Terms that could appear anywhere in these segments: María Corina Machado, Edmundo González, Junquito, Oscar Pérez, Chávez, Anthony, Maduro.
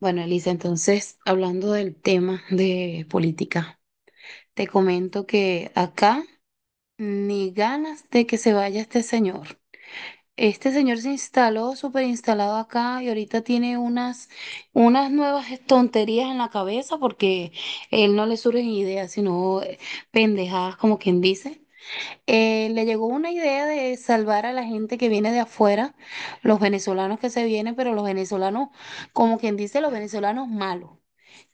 Bueno, Elisa, entonces, hablando del tema de política, te comento que acá ni ganas de que se vaya este señor. Este señor se instaló, súper instalado acá y ahorita tiene unas nuevas tonterías en la cabeza porque él no le surgen ideas, sino pendejadas, como quien dice. Le llegó una idea de salvar a la gente que viene de afuera, los venezolanos que se vienen, pero los venezolanos, como quien dice, los venezolanos malos.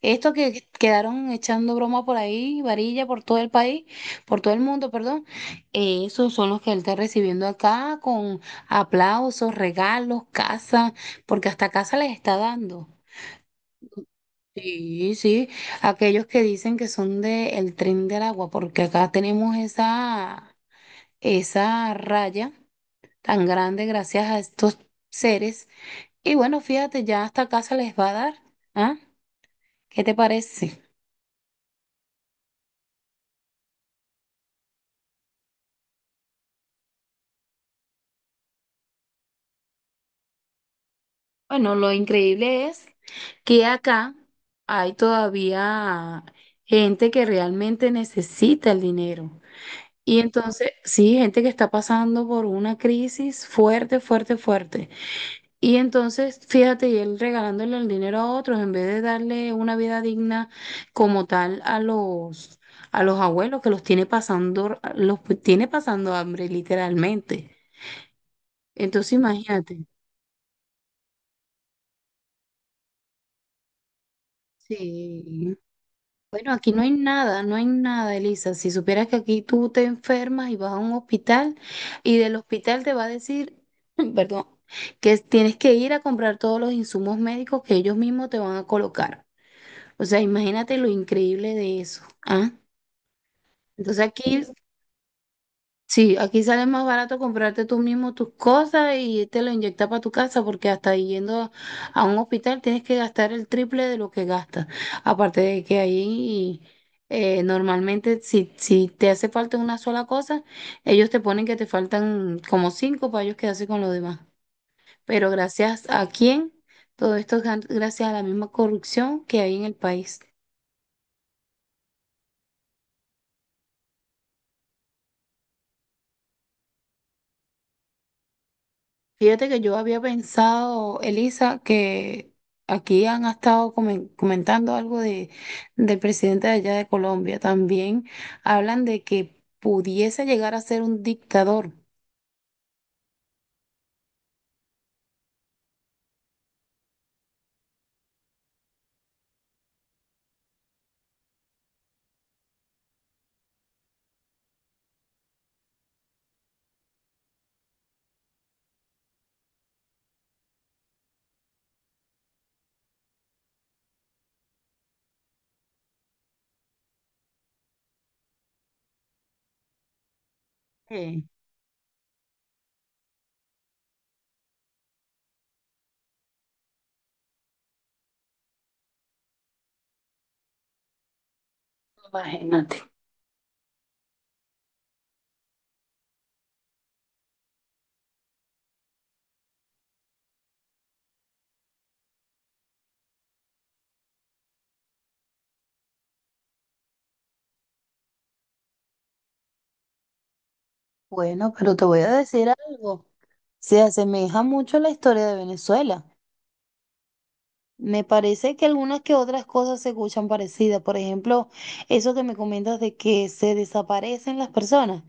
Estos que quedaron echando broma por ahí, varilla por todo el país, por todo el mundo, perdón, esos son los que él está recibiendo acá con aplausos, regalos, casa, porque hasta casa les está dando. Sí, sí, aquellos que dicen que son del tren del agua, porque acá tenemos esa raya tan grande gracias a estos seres. Y bueno, fíjate, ya hasta casa les va a dar, ¿ah? ¿Qué te parece? Bueno, lo increíble es que acá hay todavía gente que realmente necesita el dinero. Y entonces, sí, gente que está pasando por una crisis fuerte, fuerte, fuerte. Y entonces, fíjate, y él regalándole el dinero a otros en vez de darle una vida digna como tal a a los abuelos que los tiene pasando hambre, literalmente. Entonces, imagínate. Sí. Bueno, aquí no hay nada, no hay nada, Elisa. Si supieras que aquí tú te enfermas y vas a un hospital y del hospital te va a decir, perdón, que tienes que ir a comprar todos los insumos médicos que ellos mismos te van a colocar. O sea, imagínate lo increíble de eso, ¿ah? Entonces aquí sí, aquí sale más barato comprarte tú mismo tus cosas y te lo inyectas para tu casa, porque hasta yendo a un hospital tienes que gastar el triple de lo que gastas. Aparte de que ahí normalmente si te hace falta una sola cosa, ellos te ponen que te faltan como cinco para ellos quedarse con lo demás. Pero gracias a quién, todo esto es gracias a la misma corrupción que hay en el país. Fíjate que yo había pensado, Elisa, que aquí han estado comentando algo del presidente de allá de Colombia. También hablan de que pudiese llegar a ser un dictador. Eh, Imagínate. Bueno, pero te voy a decir algo. Se asemeja mucho a la historia de Venezuela. Me parece que algunas que otras cosas se escuchan parecidas. Por ejemplo, eso que me comentas de que se desaparecen las personas.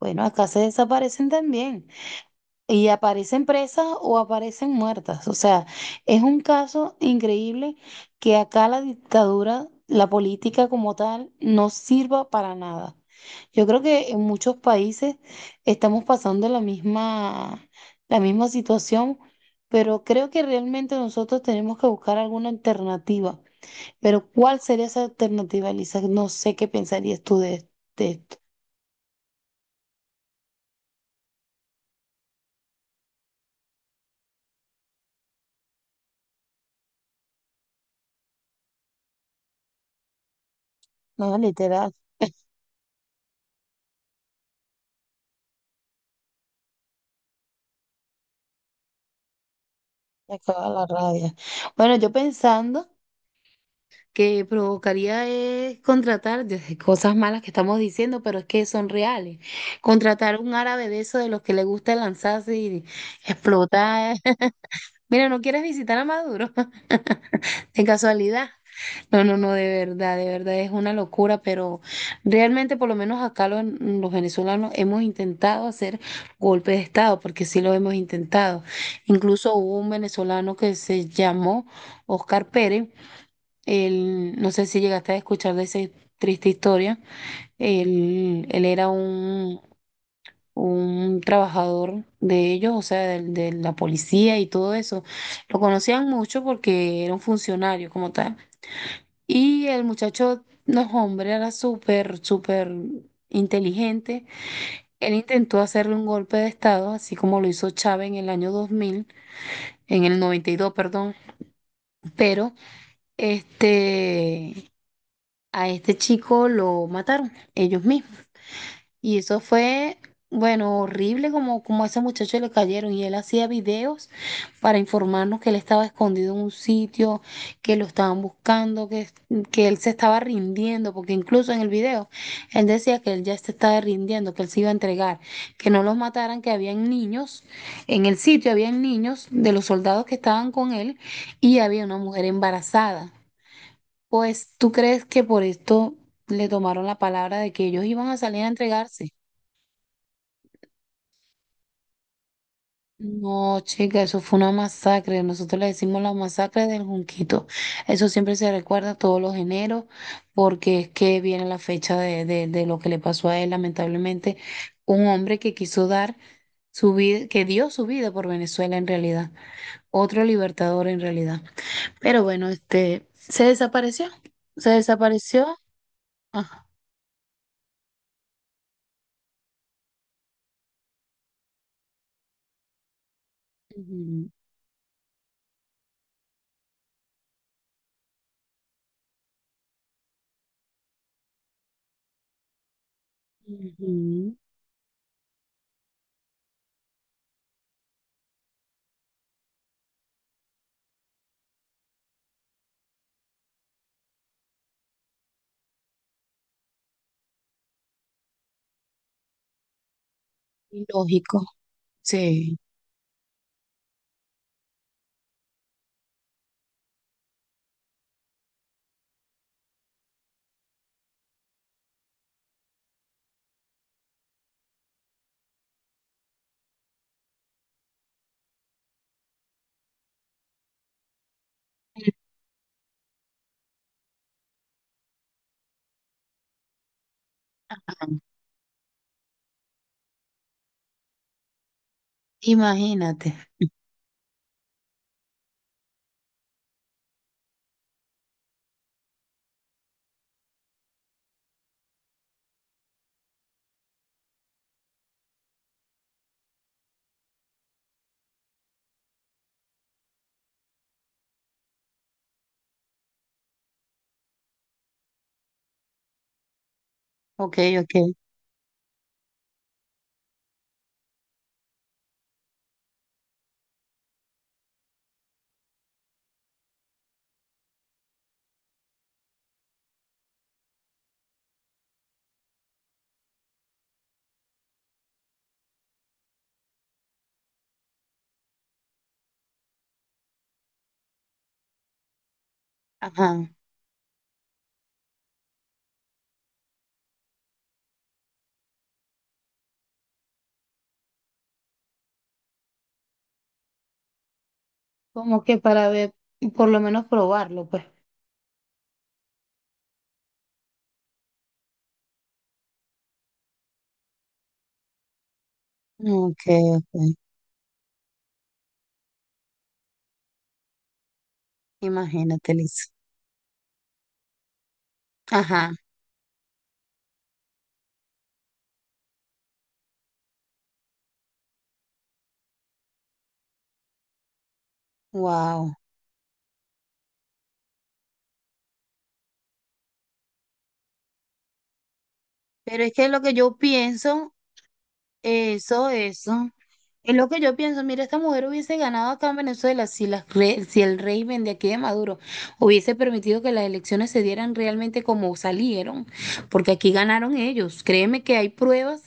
Bueno, acá se desaparecen también. Y aparecen presas o aparecen muertas. O sea, es un caso increíble que acá la dictadura, la política como tal, no sirva para nada. Yo creo que en muchos países estamos pasando la misma situación, pero creo que realmente nosotros tenemos que buscar alguna alternativa. Pero ¿cuál sería esa alternativa, Elisa? No sé qué pensarías tú de esto. No, literal, me acaba la rabia. Bueno, yo pensando... que provocaría es contratar, desde cosas malas que estamos diciendo, pero es que son reales. Contratar un árabe de esos de los que le gusta lanzarse y explotar. Mira, ¿no quieres visitar a Maduro? De casualidad. No, no, no, de verdad es una locura, pero realmente por lo menos acá venezolanos hemos intentado hacer golpe de Estado, porque sí lo hemos intentado. Incluso hubo un venezolano que se llamó Oscar Pérez, él, no sé si llegaste a escuchar de esa triste historia. Él era un trabajador de ellos, o sea, la policía y todo eso. Lo conocían mucho porque era un funcionario como tal. Y el muchacho, no, hombre, era súper, súper inteligente. Él intentó hacerle un golpe de estado, así como lo hizo Chávez en el año 2000, en el 92, perdón. Pero, este... a este chico lo mataron ellos mismos. Y eso fue, bueno, horrible como, como a ese muchacho le cayeron y él hacía videos para informarnos que él estaba escondido en un sitio, que lo estaban buscando, que él se estaba rindiendo, porque incluso en el video él decía que él ya se estaba rindiendo, que él se iba a entregar, que no los mataran, que habían niños, en el sitio habían niños de los soldados que estaban con él y había una mujer embarazada. Pues, ¿tú crees que por esto le tomaron la palabra de que ellos iban a salir a entregarse? No, chica, eso fue una masacre. Nosotros le decimos la masacre del Junquito. Eso siempre se recuerda todos los eneros, porque es que viene la fecha de lo que le pasó a él, lamentablemente. Un hombre que quiso dar su vida, que dio su vida por Venezuela en realidad. Otro libertador en realidad. Pero bueno, este, se desapareció. Se desapareció. Ajá. Ujú, ujú. Lógico, sí. Imagínate. Ok, ok. Ajá. Como que para ver, por lo menos probarlo, pues. Ok, ok. Imagínate, Lisa. Ajá. Wow. Pero es que lo que yo pienso. Eso, eso. Es lo que yo pienso. Mira, esta mujer hubiese ganado acá en Venezuela si, si el régimen de aquí de Maduro hubiese permitido que las elecciones se dieran realmente como salieron, porque aquí ganaron ellos. Créeme que hay pruebas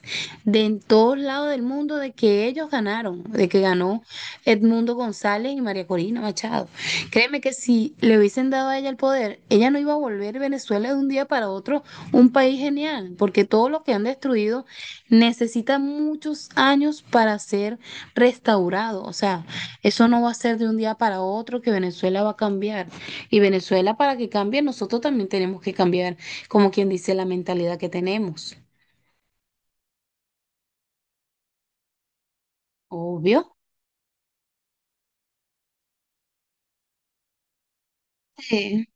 de en todos lados del mundo de que ellos ganaron, de que ganó Edmundo González y María Corina Machado. Créeme que si le hubiesen dado a ella el poder, ella no iba a volver Venezuela de un día para otro un país genial, porque todo lo que han destruido necesita muchos años para ser restaurado. O sea, eso no va a ser de un día para otro que Venezuela va a cambiar. Y Venezuela para que cambie, nosotros también tenemos que cambiar, como quien dice, la mentalidad que tenemos. Obvio. Sí.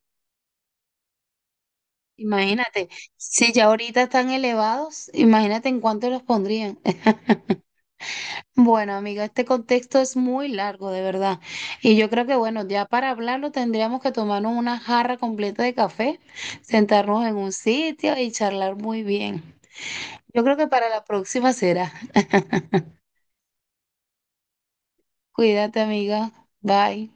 Imagínate, si ya ahorita están elevados, imagínate en cuánto los pondrían. Bueno, amiga, este contexto es muy largo, de verdad. Y yo creo que, bueno, ya para hablarlo tendríamos que tomarnos una jarra completa de café, sentarnos en un sitio y charlar muy bien. Yo creo que para la próxima será. Cuídate, amiga. Bye.